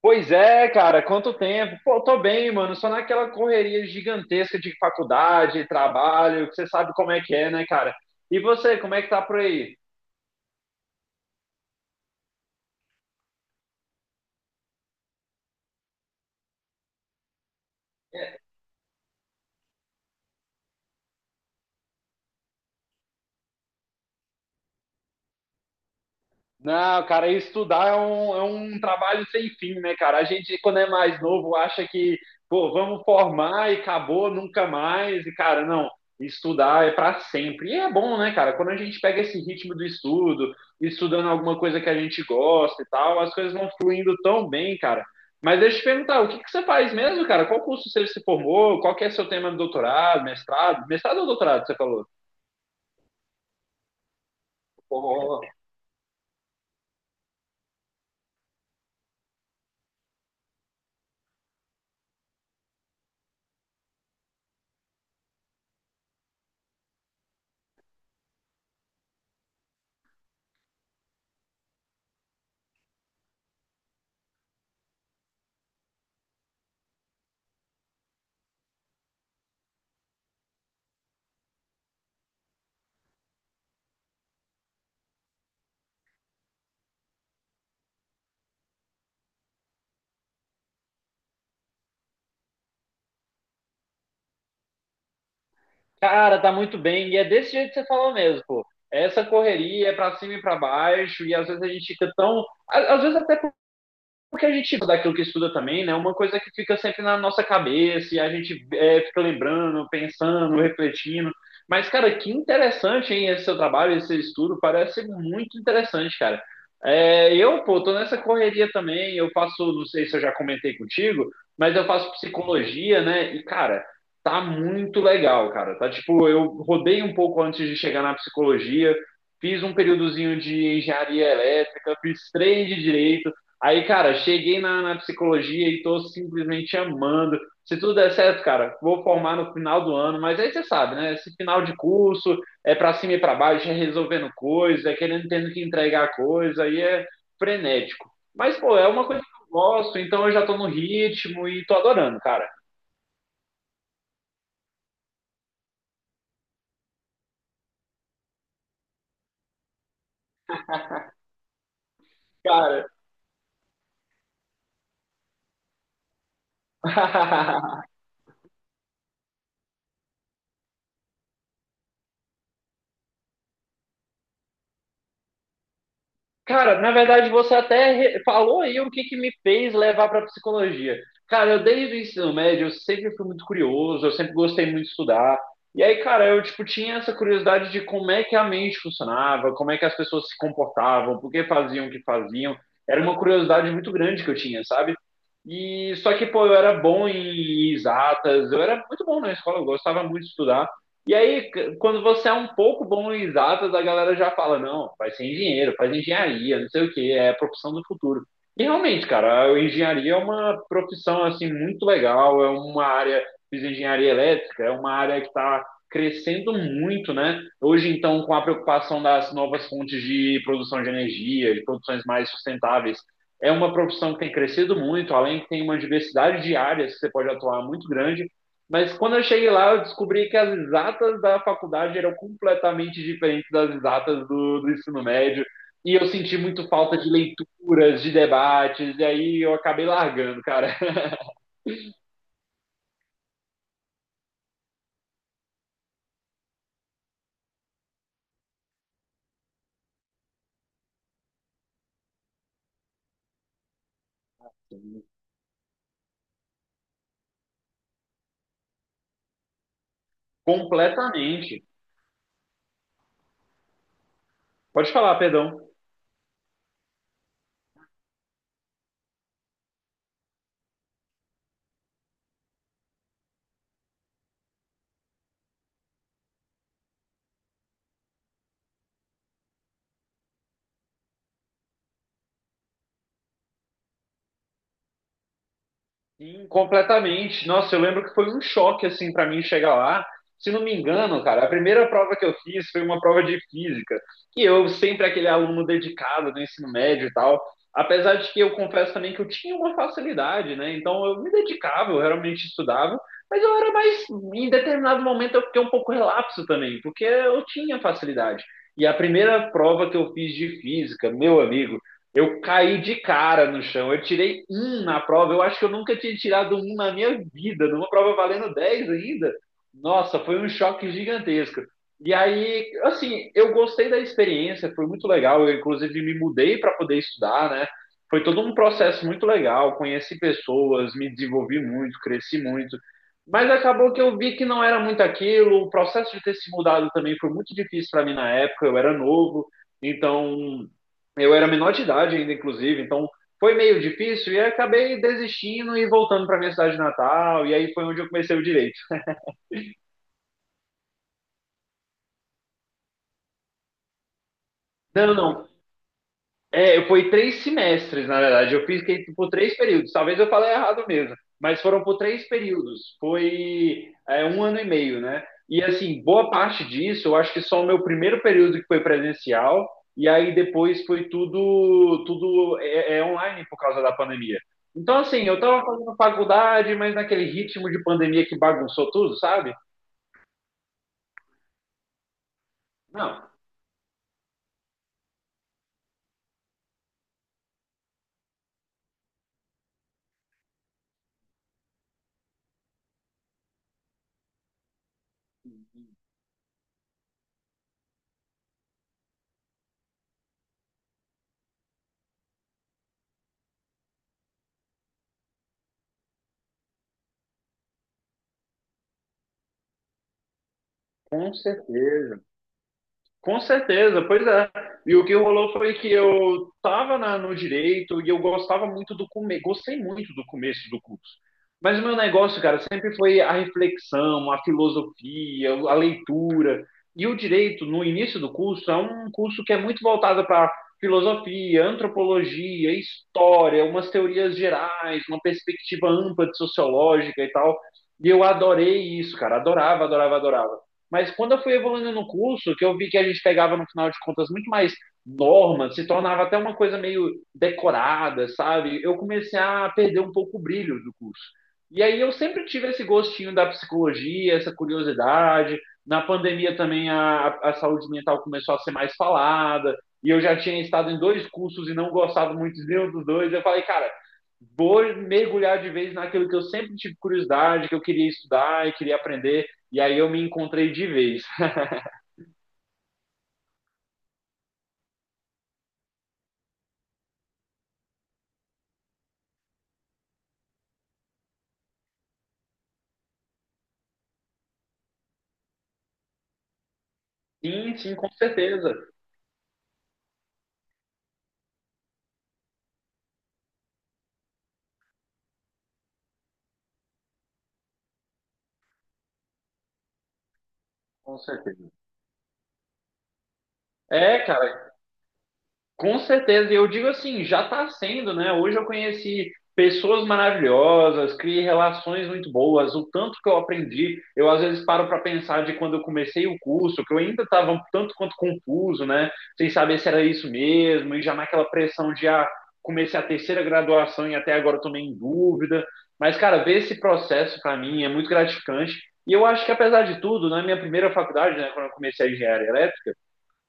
Pois é, cara, quanto tempo? Pô, tô bem, mano, só naquela correria gigantesca de faculdade, trabalho, que você sabe como é que é, né, cara? E você, como é que tá por aí? Não, cara, estudar é um trabalho sem fim, né, cara? A gente, quando é mais novo, acha que, pô, vamos formar e acabou, nunca mais. E, cara, não, estudar é para sempre. E é bom, né, cara? Quando a gente pega esse ritmo do estudo, estudando alguma coisa que a gente gosta e tal, as coisas vão fluindo tão bem, cara. Mas deixa eu te perguntar, o que que você faz mesmo, cara? Qual curso você se formou? Qual que é seu tema de doutorado, mestrado? Mestrado ou doutorado, você falou? Cara, tá muito bem. E é desse jeito que você falou mesmo, pô. Essa correria é pra cima e pra baixo, e às vezes a gente Às vezes até porque a gente daquilo que estuda também, né? Uma coisa que fica sempre na nossa cabeça e a gente fica lembrando, pensando, refletindo. Mas, cara, que interessante, hein, esse seu trabalho, esse seu estudo, parece muito interessante, cara. É, eu, pô, tô nessa correria também, eu faço, não sei se eu já comentei contigo, mas eu faço psicologia, né? E, cara, tá muito legal, cara. Tá tipo, eu rodei um pouco antes de chegar na psicologia, fiz um períodozinho de engenharia elétrica, fiz três de direito. Aí, cara, cheguei na psicologia e tô simplesmente amando. Se tudo der certo, cara, vou formar no final do ano, mas aí você sabe, né? Esse final de curso é pra cima e pra baixo, é resolvendo coisa, é querendo tendo que entregar coisa, aí é frenético. Mas, pô, é uma coisa que eu gosto, então eu já tô no ritmo e tô adorando, cara. Cara, Cara, na verdade você até falou aí o que que me fez levar para psicologia. Cara, eu desde o ensino médio eu sempre fui muito curioso, eu sempre gostei muito de estudar. E aí, cara, eu tipo tinha essa curiosidade de como é que a mente funcionava, como é que as pessoas se comportavam, por que faziam o que faziam. Era uma curiosidade muito grande que eu tinha, sabe? E só que, pô, eu era bom em exatas, eu era muito bom na escola, eu gostava muito de estudar. E aí, quando você é um pouco bom em exatas, a galera já fala, não, vai ser engenheiro, faz engenharia, não sei o que, é a profissão do futuro. E realmente, cara, a engenharia é uma profissão, assim, muito legal, é uma área, fiz engenharia elétrica, é uma área que está crescendo muito, né? Hoje, então, com a preocupação das novas fontes de produção de energia, de produções mais sustentáveis, é uma profissão que tem crescido muito, além que tem uma diversidade de áreas que você pode atuar muito grande, mas quando eu cheguei lá, eu descobri que as exatas da faculdade eram completamente diferentes das exatas do ensino médio. E eu senti muito falta de leituras, de debates, e aí eu acabei largando, cara. Completamente. Pode falar, perdão. Sim, completamente. Nossa, eu lembro que foi um choque assim para mim chegar lá. Se não me engano, cara, a primeira prova que eu fiz foi uma prova de física. E eu sempre aquele aluno dedicado no ensino médio e tal. Apesar de que eu confesso também que eu tinha uma facilidade, né? Então eu me dedicava, eu realmente estudava, mas eu era mais em determinado momento eu fiquei um pouco relapso também, porque eu tinha facilidade. E a primeira prova que eu fiz de física, meu amigo, eu caí de cara no chão. Eu tirei um na prova. Eu acho que eu nunca tinha tirado um na minha vida, numa prova valendo 10 ainda. Nossa, foi um choque gigantesco. E aí, assim, eu gostei da experiência, foi muito legal. Eu, inclusive, me mudei para poder estudar, né? Foi todo um processo muito legal. Conheci pessoas, me desenvolvi muito, cresci muito. Mas acabou que eu vi que não era muito aquilo. O processo de ter se mudado também foi muito difícil para mim na época. Eu era novo, então eu era menor de idade ainda, inclusive, então foi meio difícil e aí acabei desistindo e voltando para minha cidade natal, e aí foi onde eu comecei o direito. Não, não, é, eu fui três semestres, na verdade. Eu fiz por três períodos. Talvez eu falei errado mesmo, mas foram por três períodos. Foi, é, um ano e meio, né? E assim, boa parte disso, eu acho que só o meu primeiro período que foi presencial, e aí depois foi tudo é online por causa da pandemia. Então, assim, eu tava fazendo faculdade, mas naquele ritmo de pandemia que bagunçou tudo, sabe? Não, com certeza. Com certeza, pois é. E o que rolou foi que eu estava no direito e eu gostava muito do começo, gostei muito do começo do curso. Mas o meu negócio, cara, sempre foi a reflexão, a filosofia, a leitura. E o direito, no início do curso, é um curso que é muito voltado para filosofia, antropologia, história, umas teorias gerais, uma perspectiva ampla de sociológica e tal. E eu adorei isso, cara. Adorava, adorava, adorava. Mas quando eu fui evoluindo no curso, que eu vi que a gente pegava, no final de contas, muito mais normas, se tornava até uma coisa meio decorada, sabe? Eu comecei a perder um pouco o brilho do curso. E aí eu sempre tive esse gostinho da psicologia, essa curiosidade. Na pandemia também a saúde mental começou a ser mais falada. E eu já tinha estado em dois cursos e não gostado muito de nenhum dos dois. Eu falei, cara, vou mergulhar de vez naquilo que eu sempre tive curiosidade, que eu queria estudar e queria aprender. E aí eu me encontrei de vez. Sim, sim, com certeza. Com certeza. É, cara, com certeza, e eu digo assim, já está sendo, né? Hoje eu conheci pessoas maravilhosas, criei relações muito boas, o tanto que eu aprendi, eu às vezes paro para pensar de quando eu comecei o curso, que eu ainda estava um tanto quanto confuso, né? Sem saber se era isso mesmo, e já naquela pressão de ah, comecei a terceira graduação e até agora estou meio em dúvida. Mas, cara, ver esse processo para mim é muito gratificante. E eu acho que, apesar de tudo, na minha primeira faculdade, né, quando eu comecei a engenharia elétrica,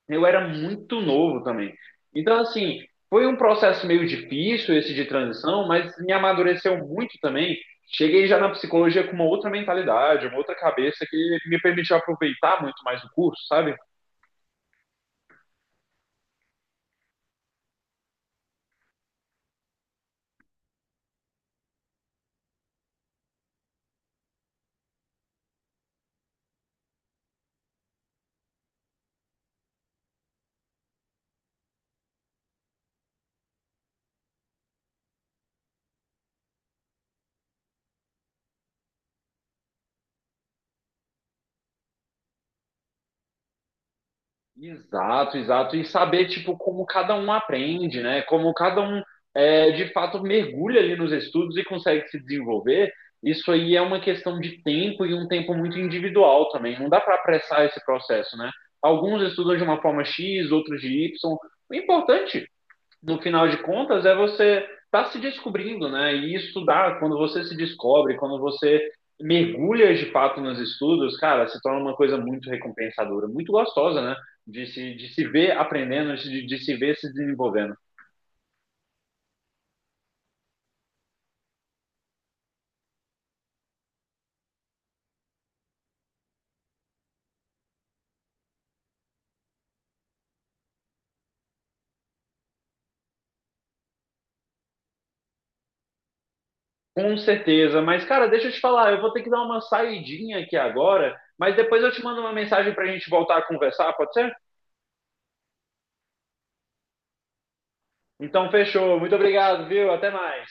eu era muito novo também. Então, assim, foi um processo meio difícil esse de transição, mas me amadureceu muito também. Cheguei já na psicologia com uma outra mentalidade, uma outra cabeça que me permitiu aproveitar muito mais o curso, sabe? Exato, exato. E saber, tipo, como cada um aprende, né? Como cada um, é, de fato, mergulha ali nos estudos e consegue se desenvolver. Isso aí é uma questão de tempo e um tempo muito individual também. Não dá para apressar esse processo, né? Alguns estudam de uma forma X, outros de Y. O importante no final de contas, é você tá se descobrindo, né? E estudar, quando você se descobre, quando você mergulha de fato nos estudos, cara, se torna uma coisa muito recompensadora, muito gostosa, né? De se ver aprendendo, de se ver se desenvolvendo. Com certeza, mas cara, deixa eu te falar, eu vou ter que dar uma saidinha aqui agora, mas depois eu te mando uma mensagem pra gente voltar a conversar, pode ser? Então fechou, muito obrigado, viu? Até mais.